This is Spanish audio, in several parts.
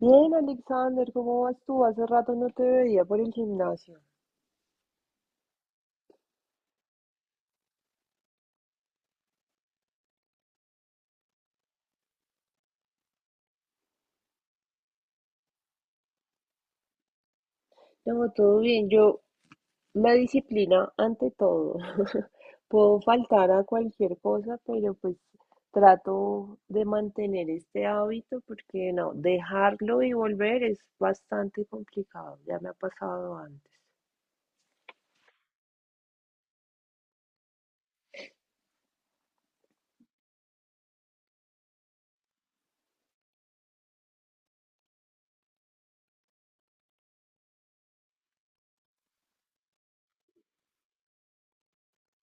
Bien, Alexander, ¿cómo vas tú? Hace rato no te veía por el gimnasio. No, todo bien. La disciplina ante todo. Puedo faltar a cualquier cosa, pero pues trato de mantener este hábito porque no, dejarlo y volver es bastante complicado. Ya me ha pasado antes.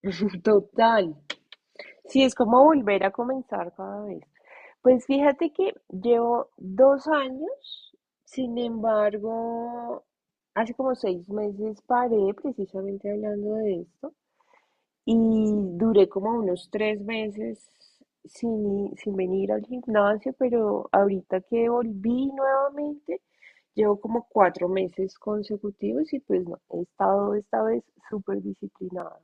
Total. Sí, es como volver a comenzar cada vez. Pues fíjate que llevo 2 años, sin embargo, hace como 6 meses paré precisamente hablando de esto y duré como unos 3 meses sin venir al gimnasio, pero ahorita que volví nuevamente, llevo como 4 meses consecutivos y pues no, he estado esta vez súper disciplinada.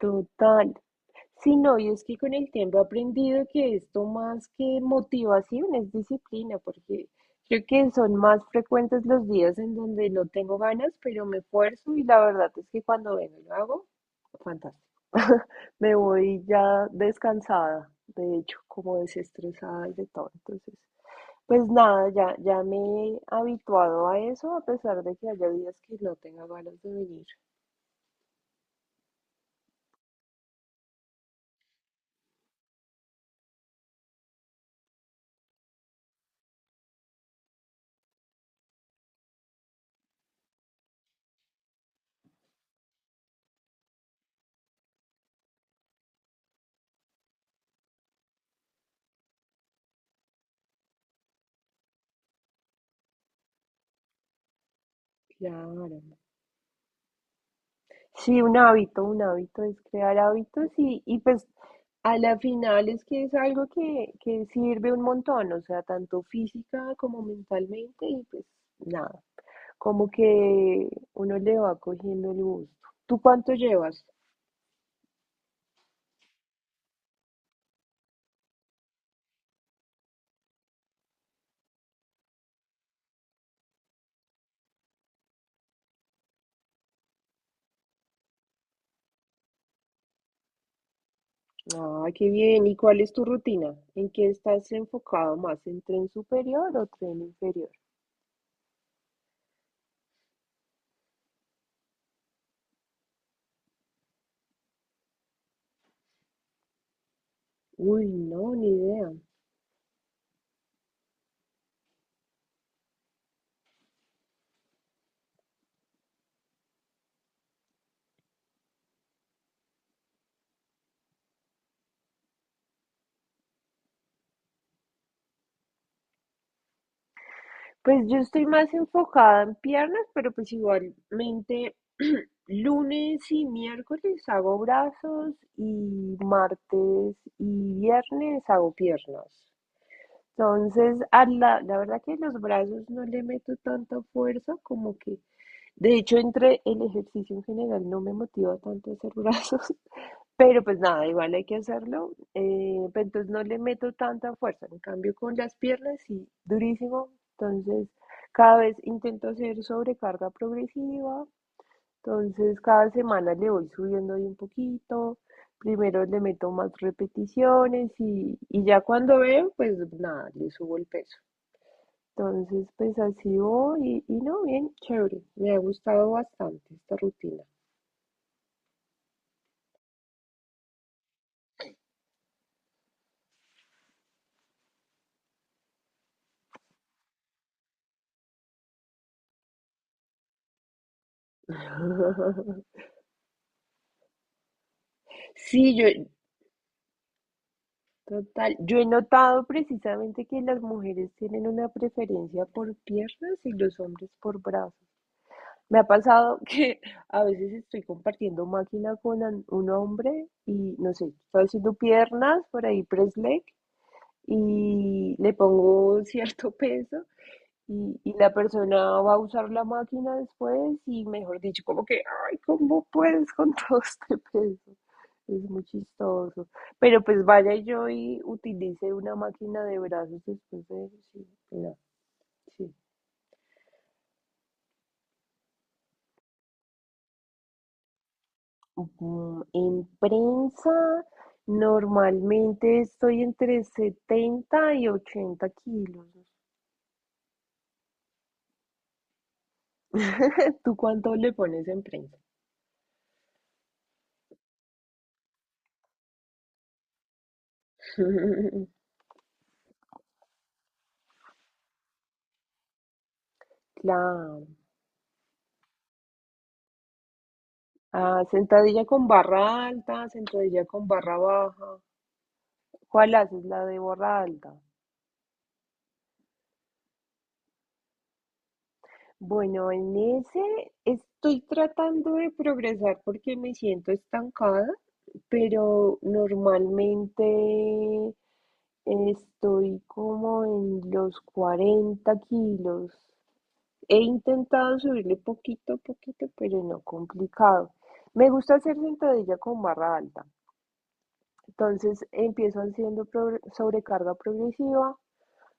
Total. Sí, no, y es que con el tiempo he aprendido que esto más que motivación es disciplina, porque creo que son más frecuentes los días en donde no tengo ganas, pero me esfuerzo y la verdad es que cuando vengo y lo hago, fantástico. Me voy ya descansada, de hecho, como desestresada y de todo. Entonces, pues nada, ya me he habituado a eso, a pesar de que haya días que no tenga ganas de venir. Claro. Sí, un hábito es crear hábitos y pues a la final es que es algo que sirve un montón, o sea, tanto física como mentalmente y pues nada, como que uno le va cogiendo el gusto. ¿Tú cuánto llevas? Ah, qué bien. ¿Y cuál es tu rutina? ¿En qué estás enfocado más? ¿En tren superior o tren inferior? Uy, no, ni idea. Pues yo estoy más enfocada en piernas, pero pues igualmente lunes y miércoles hago brazos y martes y viernes hago piernas. Entonces, la verdad que los brazos no le meto tanta fuerza como que, de hecho, entre el ejercicio en general no me motiva tanto hacer brazos. Pero pues nada, igual hay que hacerlo. Pero entonces no le meto tanta fuerza. En cambio, con las piernas sí, durísimo. Entonces, cada vez intento hacer sobrecarga progresiva. Entonces, cada semana le voy subiendo ahí un poquito. Primero le meto más repeticiones y ya cuando veo, pues nada, le subo el peso. Entonces, pues así voy y no, bien, chévere. Me ha gustado bastante esta rutina. Sí, yo, Total, yo he notado precisamente que las mujeres tienen una preferencia por piernas y los hombres por brazos. Me ha pasado que a veces estoy compartiendo máquina un hombre y no sé, estoy haciendo piernas por ahí, press leg, y le pongo cierto peso y la persona va a usar la máquina después y mejor dicho, como que, ay, ¿cómo puedes con todo este peso? Es muy chistoso. Pero pues vaya yo y utilice una máquina de brazos después de eso. Sí, pero sí. En prensa, normalmente estoy entre 70 y 80 kilos. ¿Tú cuánto le pones en prensa? Claro. Ah, sentadilla con barra alta, sentadilla con barra baja. ¿Cuál haces? La de barra alta. Bueno, en ese estoy tratando de progresar porque me siento estancada, pero normalmente estoy como en los 40 kilos. He intentado subirle poquito a poquito, pero no, complicado. Me gusta hacer sentadilla con barra alta. Entonces empiezo haciendo sobrecarga progresiva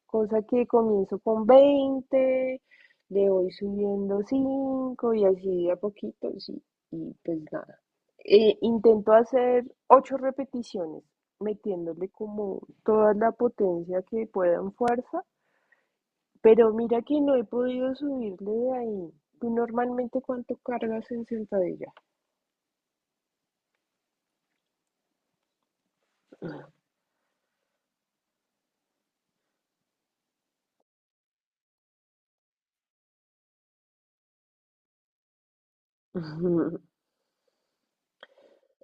cosa que comienzo con 20, le voy subiendo 5 y así de a poquito, sí, y pues nada. Intento hacer 8 repeticiones, metiéndole como toda la potencia que pueda en fuerza, pero mira que no he podido subirle de ahí. ¿Tú normalmente cuánto cargas en sentadilla? Ujú.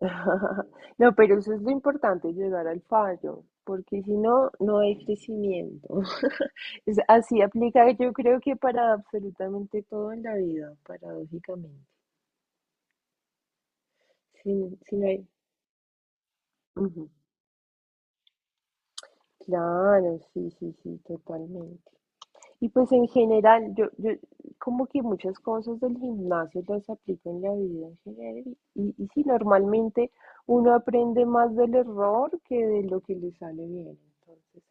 No, pero eso es lo importante, llegar al fallo, porque si no, no hay crecimiento. Así aplica, yo creo que para absolutamente todo en la vida, paradójicamente. Si, no- si no hay... Ujú. Claro, sí, sí, sí, totalmente. Y pues en general, yo como que muchas cosas del gimnasio las aplico en la vida en general. Y sí, normalmente uno aprende más del error que de lo que le sale bien. Entonces,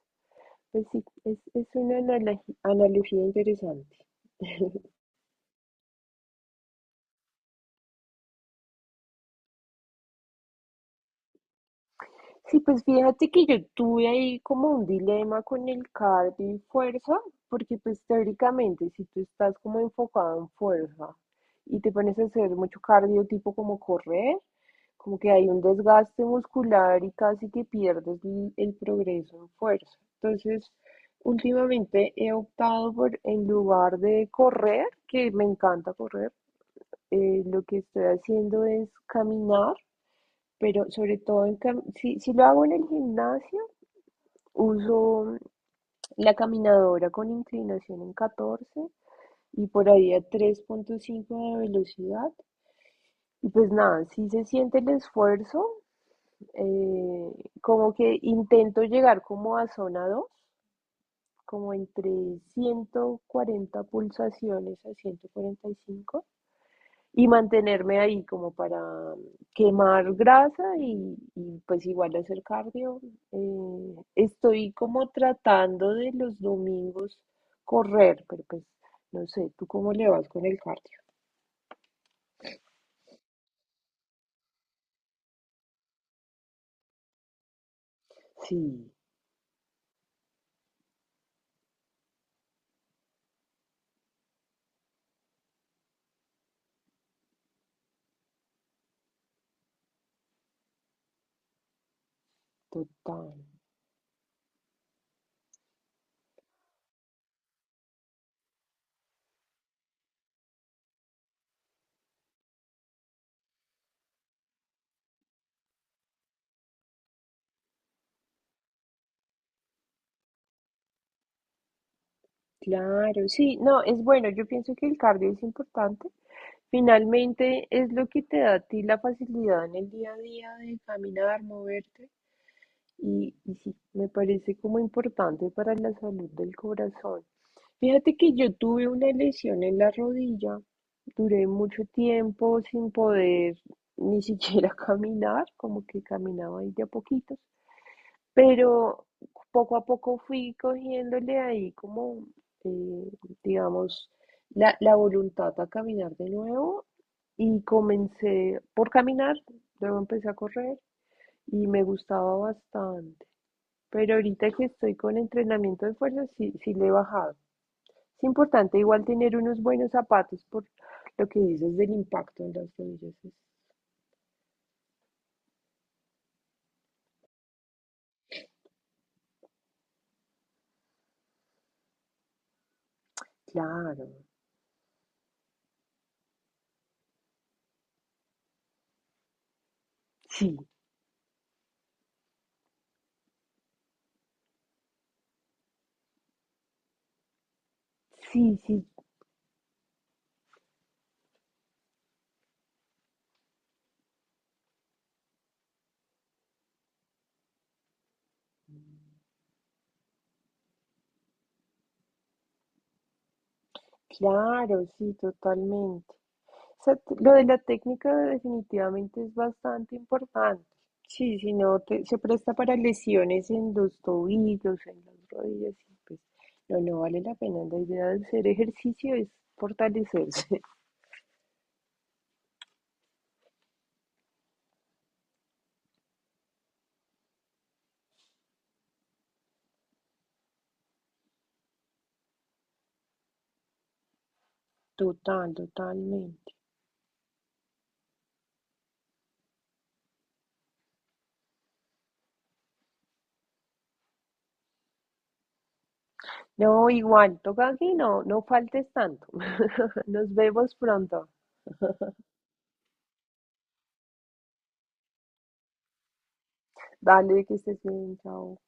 pues sí, es una analogía interesante. Sí, pues fíjate que yo tuve ahí como un dilema con el cardio y fuerza, porque pues teóricamente si tú estás como enfocado en fuerza y te pones a hacer mucho cardio tipo como correr, como que hay un desgaste muscular y casi que pierdes el progreso en fuerza. Entonces, últimamente he optado por, en lugar de correr, que me encanta correr, lo que estoy haciendo es caminar, pero sobre todo en si lo hago en el gimnasio, uso la caminadora con inclinación en 14 y por ahí a 3.5 de velocidad. Y pues nada, si se siente el esfuerzo. eh, Como que intento llegar como a zona dos, como entre 140 pulsaciones a 145 y mantenerme ahí como para mm, quemar grasa y pues igual hacer cardio. Estoy como tratando de los domingos correr, pero pues no sé, ¿tú cómo le vas con el cardio? Sí, total. Claro, sí, no, es bueno, yo pienso que el cardio es importante. Finalmente es lo que te da a ti la facilidad en el día a día de caminar, moverte. Y sí, me parece como importante para la salud del corazón. Fíjate que yo tuve una lesión en la rodilla, duré mucho tiempo sin poder ni siquiera caminar, como que caminaba ahí de a poquitos, pero poco a poco fui cogiéndole ahí como, eh, digamos, la voluntad a caminar de nuevo y comencé por caminar, luego empecé a correr y me gustaba bastante, pero ahorita que estoy con entrenamiento de fuerza, sí, sí le he bajado. Es importante igual tener unos buenos zapatos por lo que dices del impacto en las rodillas. Claro, sí, sí, sí, claro, sí, totalmente. O sea, lo de la técnica definitivamente es bastante importante. Sí, si no te- se presta para lesiones en los tobillos, en las rodillas, y pues no, no vale la pena. La idea de hacer ejercicio es fortalecerse. Total, totalmente. No, igual, toca aquí, no, no faltes tanto. Nos vemos pronto. Dale, que estés bien, chao.